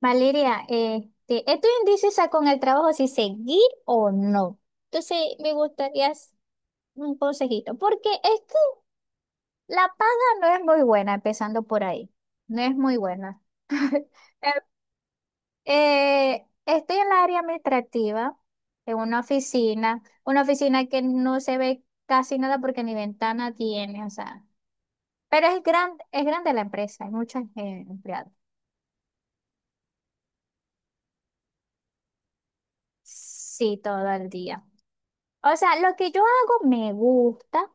Valeria, estoy indecisa con el trabajo si seguir o no. Entonces, me gustaría un consejito, porque es que la paga no es muy buena, empezando por ahí. No es muy buena. Eh, estoy en la área administrativa, en una oficina que no se ve casi nada porque ni ventana tiene, o sea, pero es grande la empresa, hay muchos empleados. Sí, todo el día. O sea, lo que yo hago me gusta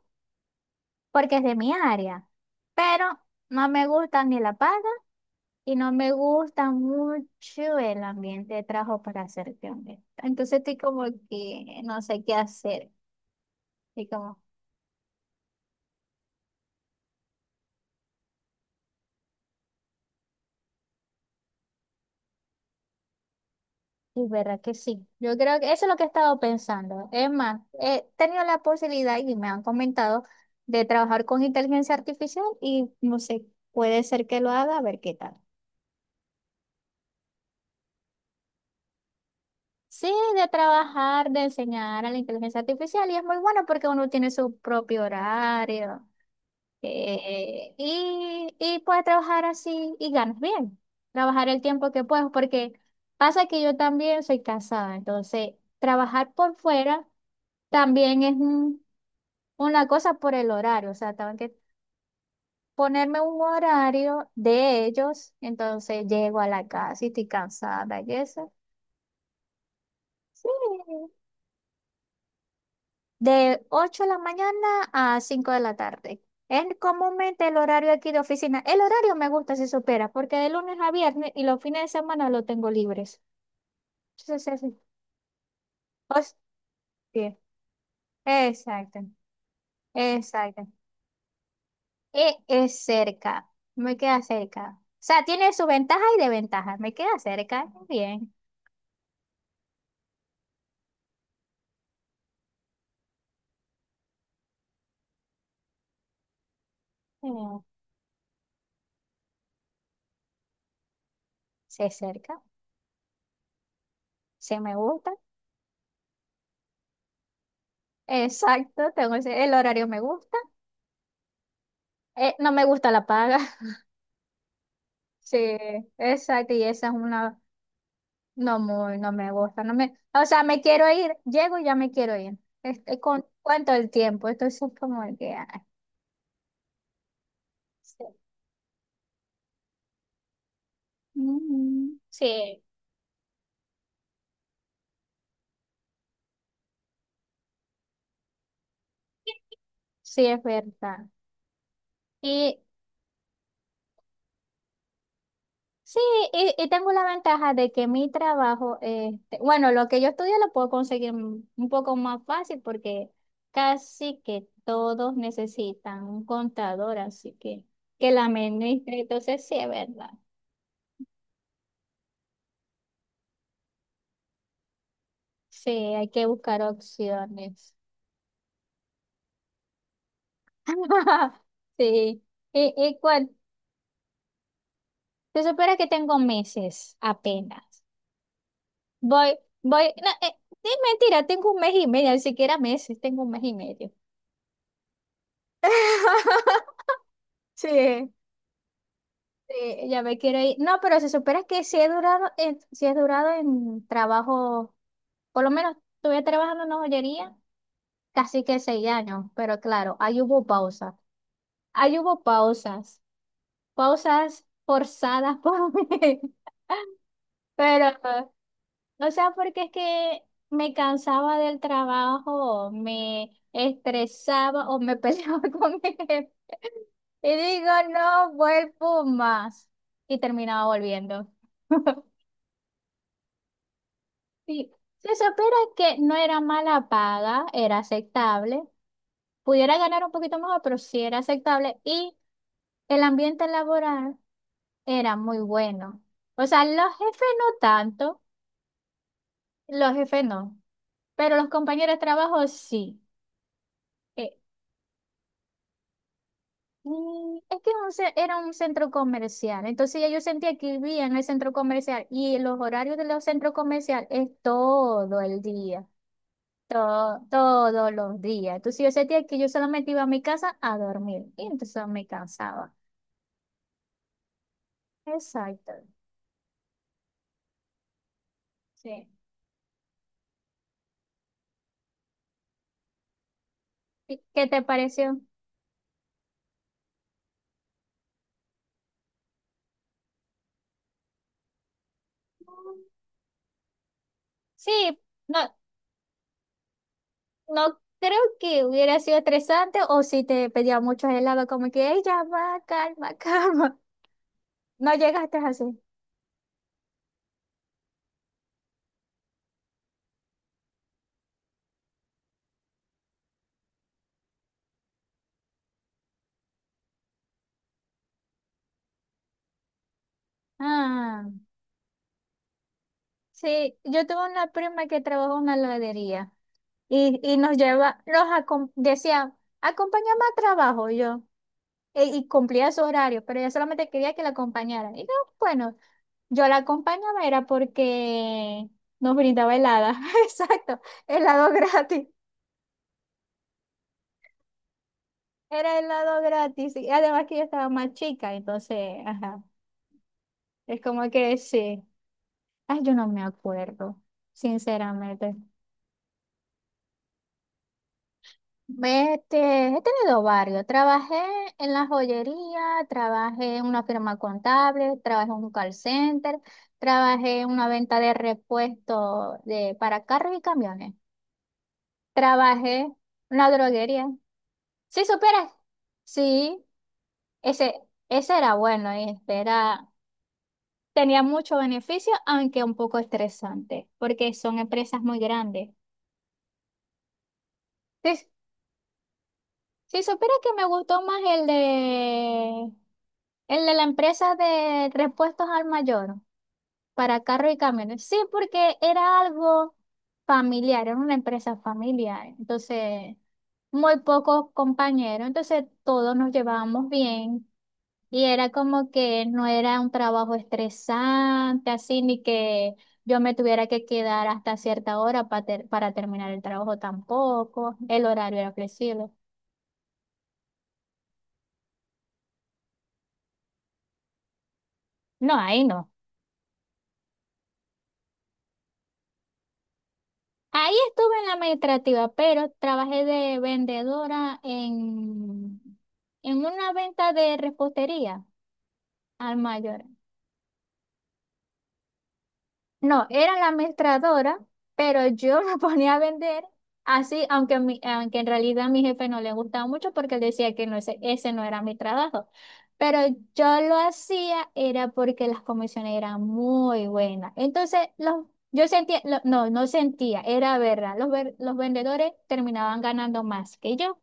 porque es de mi área, pero no me gusta ni la paga y no me gusta mucho el ambiente de trabajo para hacerte honesta. Entonces estoy como que no sé qué hacer. Y como, y verdad que sí. Yo creo que eso es lo que he estado pensando. Es más, he tenido la posibilidad y me han comentado de trabajar con inteligencia artificial y no sé, puede ser que lo haga, a ver qué tal. Sí, de trabajar, de enseñar a la inteligencia artificial y es muy bueno porque uno tiene su propio horario y puede trabajar así y ganas bien, trabajar el tiempo que puedas porque pasa que yo también soy casada, entonces trabajar por fuera también una cosa por el horario, o sea, tengo que ponerme un horario de ellos, entonces llego a la casa y estoy cansada y eso. Sí. De 8 de la mañana a 5 de la tarde. Es comúnmente el horario aquí de oficina. El horario me gusta si supera, porque de lunes a viernes y los fines de semana lo tengo libres. Entonces, os- sí, exacto, exacto. Es cerca, me queda cerca. O sea, tiene su ventaja y desventaja. Me queda cerca, bien. eh, se cerca, se me gusta. Exacto, el horario me gusta. No me gusta la paga. Sí, exacto, y esa es una. No, muy, no me gusta, no me, o sea, me quiero ir, llego y ya me quiero ir. Este, con cuánto el tiempo, entonces es como que, ay, sí. Mm, sí, sí, es verdad. Y sí, y tengo la ventaja de que mi trabajo, este, bueno, lo que yo estudio lo puedo conseguir un poco más fácil porque casi que todos necesitan un contador, así que la administre, entonces sí, es verdad. Sí, hay que buscar opciones. Sí, y cuál, se supone que tengo meses apenas. Voy, voy, no, es mentira, tengo 1 mes y medio, ni siquiera meses, tengo 1 mes y medio. Sí. Sí, ya me quiero ir. No, pero se supone que si he sí he durado en trabajo, por lo menos estuve trabajando en una joyería casi que 6 años, pero claro, ahí hubo pausas, pausas forzadas por mí, pero o sea, porque es que me cansaba del trabajo, me estresaba o me peleaba con mi jefe. Y digo, no vuelvo más. Y terminaba volviendo. Sí, se supiera que no era mala paga, era aceptable. Pudiera ganar un poquito mejor, pero sí era aceptable. Y el ambiente laboral era muy bueno. O sea, los jefes no tanto, los jefes no, pero los compañeros de trabajo sí. Eh, Es que era un centro comercial, entonces ya yo sentía que vivía en el centro comercial y los horarios de los centros comerciales es todo el día, todos los días. Entonces yo sentía que yo solamente iba a mi casa a dormir y entonces me cansaba. Exacto, sí. ¿Y qué te pareció? Mm, Sí, no, no creo que hubiera sido estresante o si te pedía muchos helados, como que, ella ya va, calma, calma. No llegaste así. Ah. Sí, yo tuve una prima que trabajó en una heladería y nos lleva, nos acom- decía, acompáñame a trabajo y yo, y cumplía su horario, pero ella solamente quería que la acompañaran. Y yo, bueno, yo la acompañaba era porque nos brindaba helada, exacto, helado gratis, era helado gratis, y además que yo estaba más chica, entonces, ajá, es como que sí, ay, yo no me acuerdo, sinceramente. Este, he tenido varios. Trabajé en la joyería, trabajé en una firma contable, trabajé en un call center, trabajé en una venta de repuestos de, para carros y camiones. Trabajé en una droguería. Sí, supieras. Sí, ese, ese era bueno, este era, tenía mucho beneficio, aunque un poco estresante, porque son empresas muy grandes. Si supiera que me gustó más el de la empresa de repuestos al mayor para carros y camiones. Sí, porque era algo familiar, era una empresa familiar. Entonces, muy pocos compañeros. Entonces, todos nos llevábamos bien. Y era como que no era un trabajo estresante, así, ni que yo me tuviera que quedar hasta cierta hora para terminar el trabajo tampoco. El horario era flexible. No, ahí no. Ahí estuve en la administrativa, pero trabajé en una venta de repostería al mayor. No, era la mestradora, pero yo la ponía a vender así, aunque, aunque en realidad a mi jefe no le gustaba mucho porque él decía que no, ese no era mi trabajo. Pero yo lo hacía era porque las comisiones eran muy buenas. Entonces, los, yo sentía, no sentía, era verdad. Los vendedores terminaban ganando más que yo.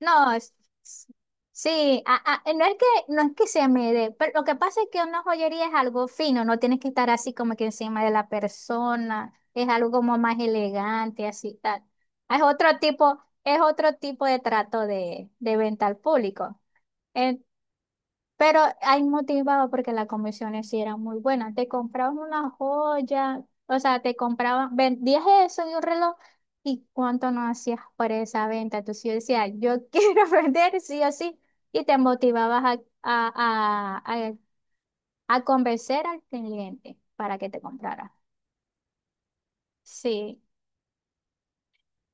No, es- sí, no es que, no es que se me dé, pero lo que pasa es que una joyería es algo fino, no tienes que estar así como que encima de la persona, es algo como más elegante, así tal. Es otro tipo de trato de venta al público. Pero ahí motivado porque las comisiones sí eran muy buenas. Te compraban una joya, o sea, te compraban, vendías eso y un reloj. ¿Y cuánto no hacías por esa venta? Entonces yo decía, yo quiero vender sí o sí. Y te motivabas a, a, a, a convencer al cliente para que te comprara. Sí.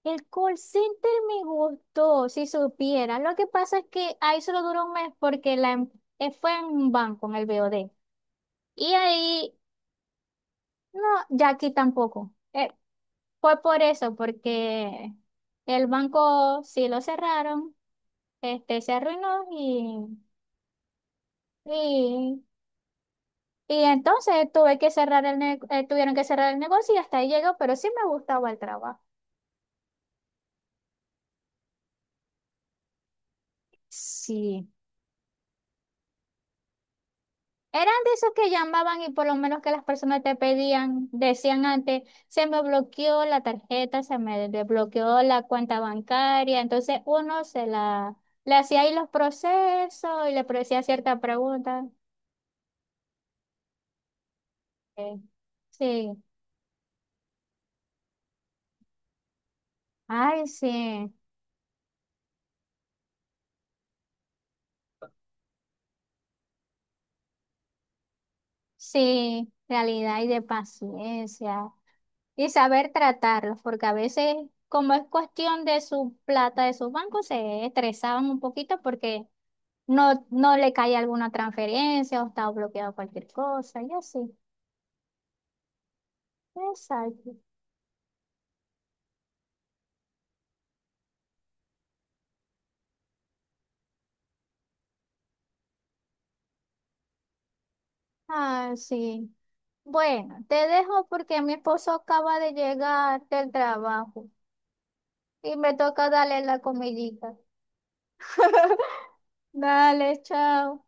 El call center me gustó, si supiera. Lo que pasa es que ahí solo duró 1 mes porque fue en un banco, en el BOD. Y ahí no, ya aquí tampoco. Fue por eso, porque el banco sí lo cerraron, este se arruinó y, y entonces tuve que tuvieron que cerrar el negocio y hasta ahí llegó, pero sí me gustaba el trabajo. Sí, eran de esos que llamaban y por lo menos que las personas te pedían, decían antes, se me bloqueó la tarjeta, se me desbloqueó la cuenta bancaria. Entonces uno se la, le hacía ahí los procesos y le hacía ciertas preguntas. Eh, Sí, ay, sí, sí, realidad y de paciencia. Y saber tratarlos, porque a veces, como es cuestión de su plata, de su banco, se estresaban un poquito porque no, no le cae alguna transferencia o está bloqueado cualquier cosa, y así. Exacto. Ah, sí. Bueno, te dejo porque mi esposo acaba de llegar del trabajo y me toca darle la comidita. Dale, chao.